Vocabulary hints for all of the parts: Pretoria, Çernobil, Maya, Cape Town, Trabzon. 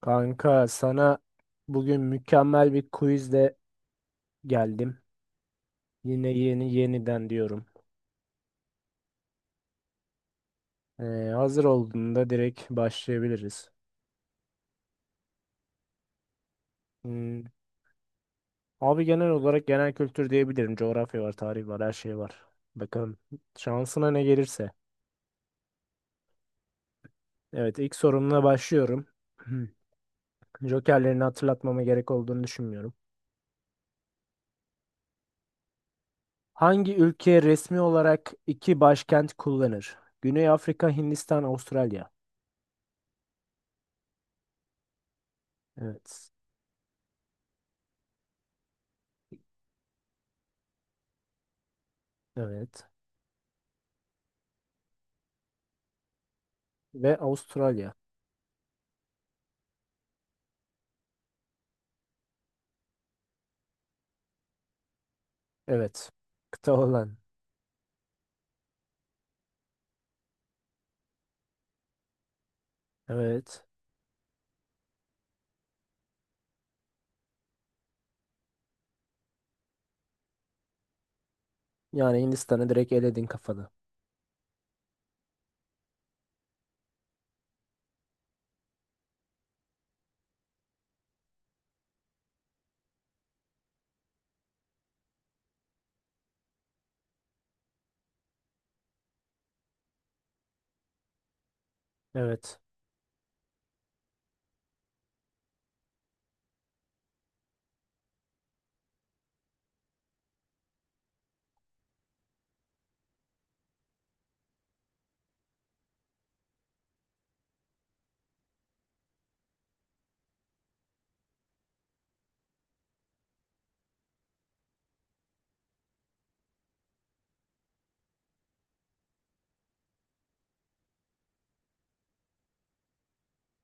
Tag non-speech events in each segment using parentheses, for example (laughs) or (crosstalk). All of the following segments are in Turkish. Kanka, sana bugün mükemmel bir quizle geldim. Yine yeni yeniden diyorum. Ee, Hazır olduğunda direkt başlayabiliriz. Hmm, Abi, genel olarak genel kültür diyebilirim. Coğrafya var, tarih var, her şey var. Bakalım şansına ne gelirse. Evet, ilk sorumla başlıyorum. (clears throat) Jokerlerini hatırlatmama gerek olduğunu düşünmüyorum. Hangi ülke resmi olarak iki başkent kullanır? Güney Afrika, Hindistan, Avustralya. Evet. Evet. Ve Avustralya. Evet. Kıta olan. Evet. Yani Hindistan'ı direkt eledin kafada. Evet.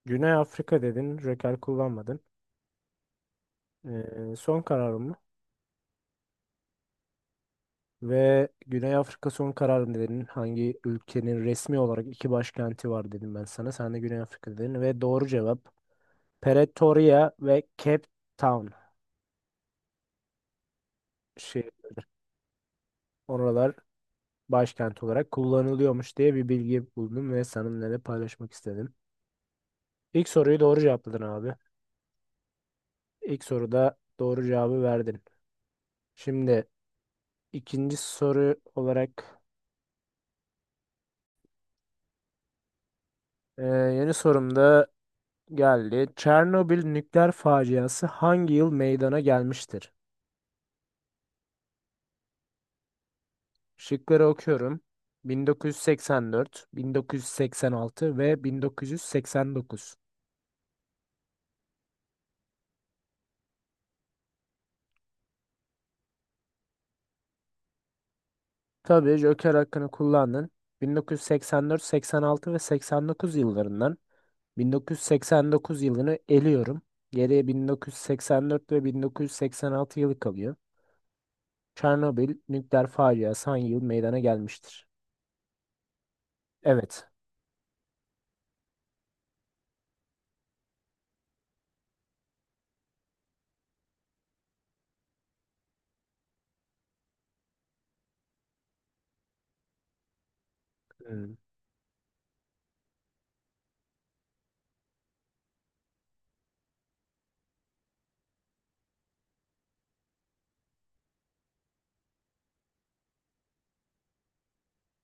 Güney Afrika dedin. Röker kullanmadın. Son kararın mı? Ve Güney Afrika son kararın dedin. Hangi ülkenin resmi olarak iki başkenti var dedim ben sana. Sen de Güney Afrika dedin. Ve doğru cevap Pretoria ve Cape Town. Şey, oralar başkent olarak kullanılıyormuş diye bir bilgi buldum ve seninle de paylaşmak istedim. İlk soruyu doğru cevapladın abi. İlk soruda doğru cevabı verdin. Şimdi ikinci soru olarak yeni sorumda geldi. Çernobil nükleer faciası hangi yıl meydana gelmiştir? Şıkları okuyorum. 1984, 1986 ve 1989. Tabii, Joker hakkını kullandın. 1984, 86 ve 89 yıllarından 1989 yılını eliyorum. Geriye 1984 ve 1986 yılı kalıyor. Çernobil nükleer faciası hangi yıl meydana gelmiştir? Evet. Hmm.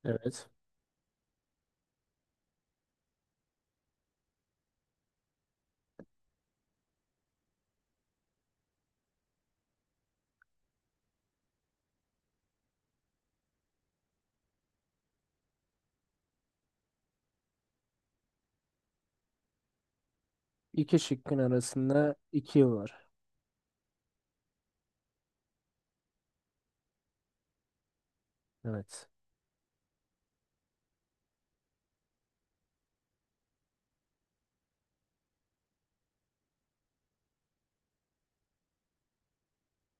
Evet. İki şıkkın arasında iki yıl var. Evet.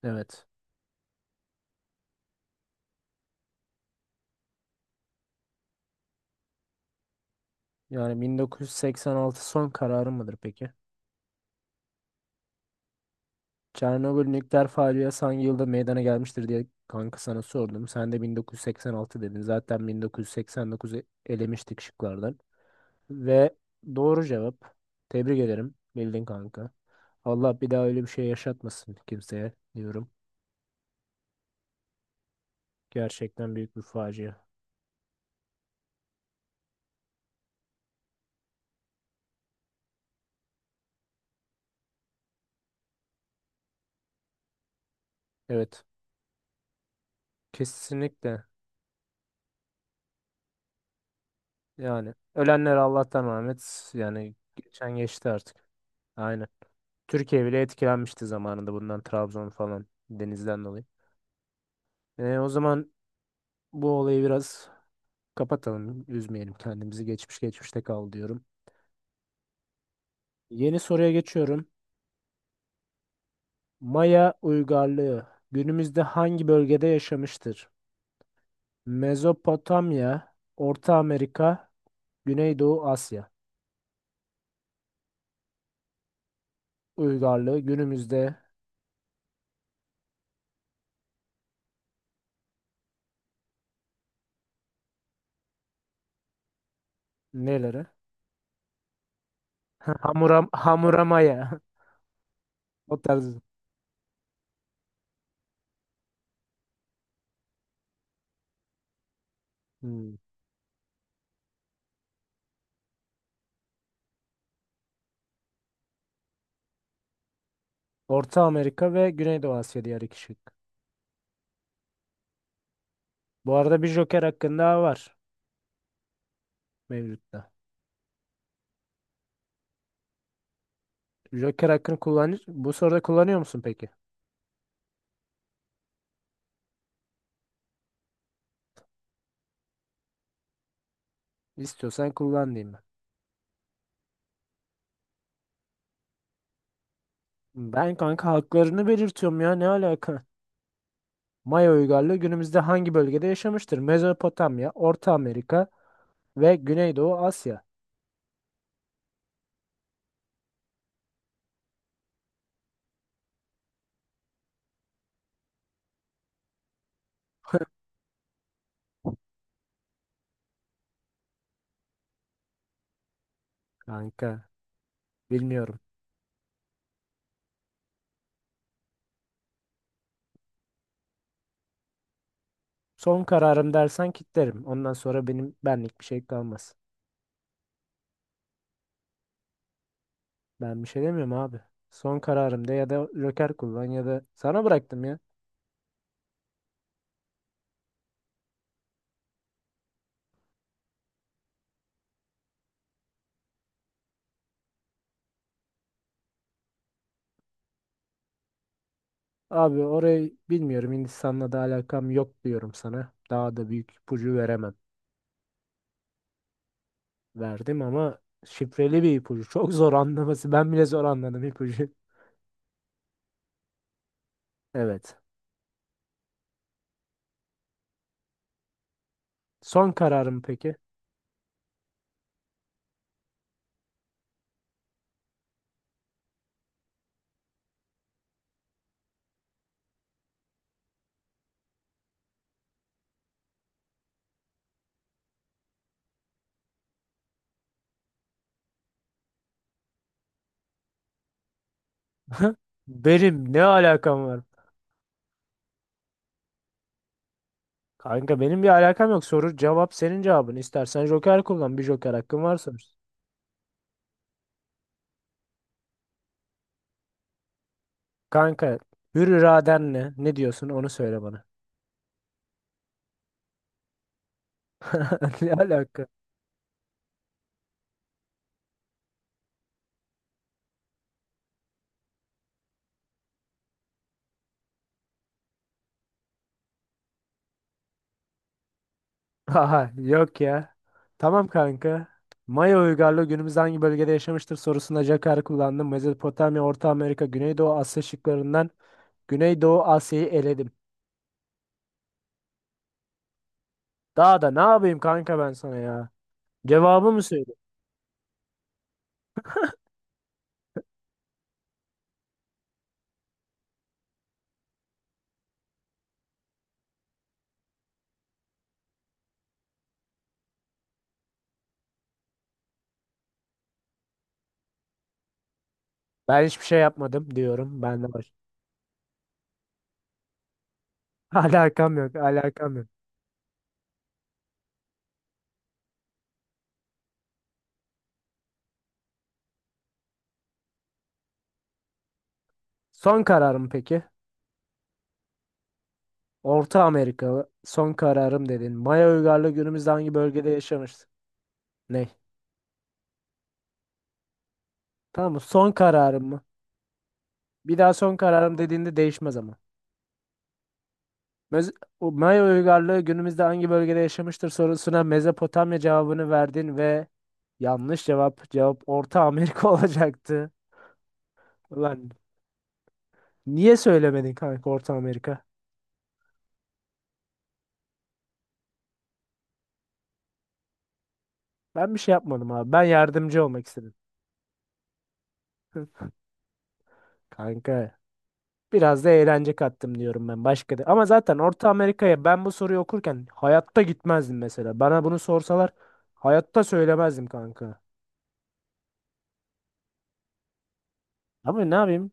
Evet. Yani 1986 son kararı mıdır peki? Çernobil nükleer faciası hangi yılda meydana gelmiştir diye kanka sana sordum. Sen de 1986 dedin. Zaten 1989'u elemiştik şıklardan. Ve doğru cevap. Tebrik ederim. Bildin kanka. Allah bir daha öyle bir şey yaşatmasın kimseye diyorum. Gerçekten büyük bir facia. Evet. Kesinlikle. Yani ölenler Allah'tan rahmet. Yani geçen geçti artık. Aynen. Türkiye bile etkilenmişti zamanında bundan, Trabzon falan, denizden dolayı. E, o zaman bu olayı biraz kapatalım. Üzmeyelim kendimizi. Geçmiş geçmişte kal diyorum. Yeni soruya geçiyorum. Maya uygarlığı günümüzde hangi bölgede yaşamıştır? Mezopotamya, Orta Amerika, Güneydoğu Asya. Uygarlığı günümüzde. Neleri? Hamuram, hamuramaya. (laughs) O tarz. Hmm. Orta Amerika ve Güneydoğu Asya diye ayrışık. Bu arada bir Joker hakkın daha var mevcutta. Joker hakkını kullan, bu soruda kullanıyor musun peki? İstiyorsan kullan diyeyim ben. Ben kanka haklarını belirtiyorum ya, ne alaka? Maya uygarlığı günümüzde hangi bölgede yaşamıştır? Mezopotamya, Orta Amerika ve Güneydoğu Asya. Kanka bilmiyorum. Son kararım dersen kitlerim. Ondan sonra benim benlik bir şey kalmaz. Ben bir şey demiyorum abi. Son kararımda ya da Joker kullan ya da sana bıraktım ya. Abi, orayı bilmiyorum. Hindistan'la da alakam yok diyorum sana. Daha da büyük ipucu veremem. Verdim ama şifreli bir ipucu. (laughs) Çok zor anlaması. Ben bile zor anladım ipucu. Evet. Son kararım peki. (laughs) Benim ne alakam var? Kanka benim bir alakam yok. Soru cevap, senin cevabın. İstersen Joker kullan. Bir Joker hakkın varsa. Kanka, hür iradenle ne diyorsun onu söyle bana. (laughs) Ne alaka? Aha, yok ya. Tamam kanka. Maya uygarlığı günümüzde hangi bölgede yaşamıştır sorusunda Jakar'ı kullandım. Mezopotamya, Orta Amerika, Güneydoğu Asya şıklarından Güneydoğu Asya'yı eledim. Daha da ne yapayım kanka ben sana ya? Cevabı mı söyle? Ben hiçbir şey yapmadım diyorum. Ben de baş. (laughs) Alakam yok, alakam yok. Son kararım peki? Orta Amerika son kararım dedin. Maya uygarlığı günümüzde hangi bölgede yaşamıştır? Ne? Tamam mı? Son kararım mı? Bir daha son kararım dediğinde değişmez ama. Mez o Maya uygarlığı günümüzde hangi bölgede yaşamıştır sorusuna Mezopotamya cevabını verdin ve yanlış cevap. Cevap Orta Amerika (laughs) olacaktı. Ulan niye söylemedin kanka Orta Amerika? Ben bir şey yapmadım abi. Ben yardımcı olmak istedim. (laughs) Kanka biraz da eğlence kattım diyorum ben, başka da. Ama zaten Orta Amerika'ya ben bu soruyu okurken hayatta gitmezdim mesela. Bana bunu sorsalar hayatta söylemezdim kanka. Ama ne yapayım?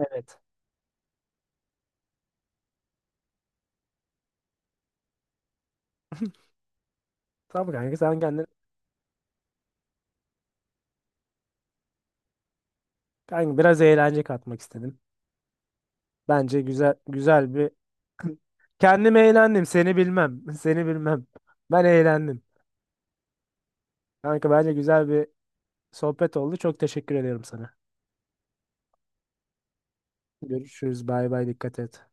Evet. Tamam kanka sen kendin. Kanka biraz eğlence katmak istedim. Bence güzel güzel bir. Kendim eğlendim, seni bilmem. (laughs) Seni bilmem, ben eğlendim kanka. Bence güzel bir sohbet oldu, çok teşekkür ediyorum sana. Görüşürüz, bay bay, dikkat et.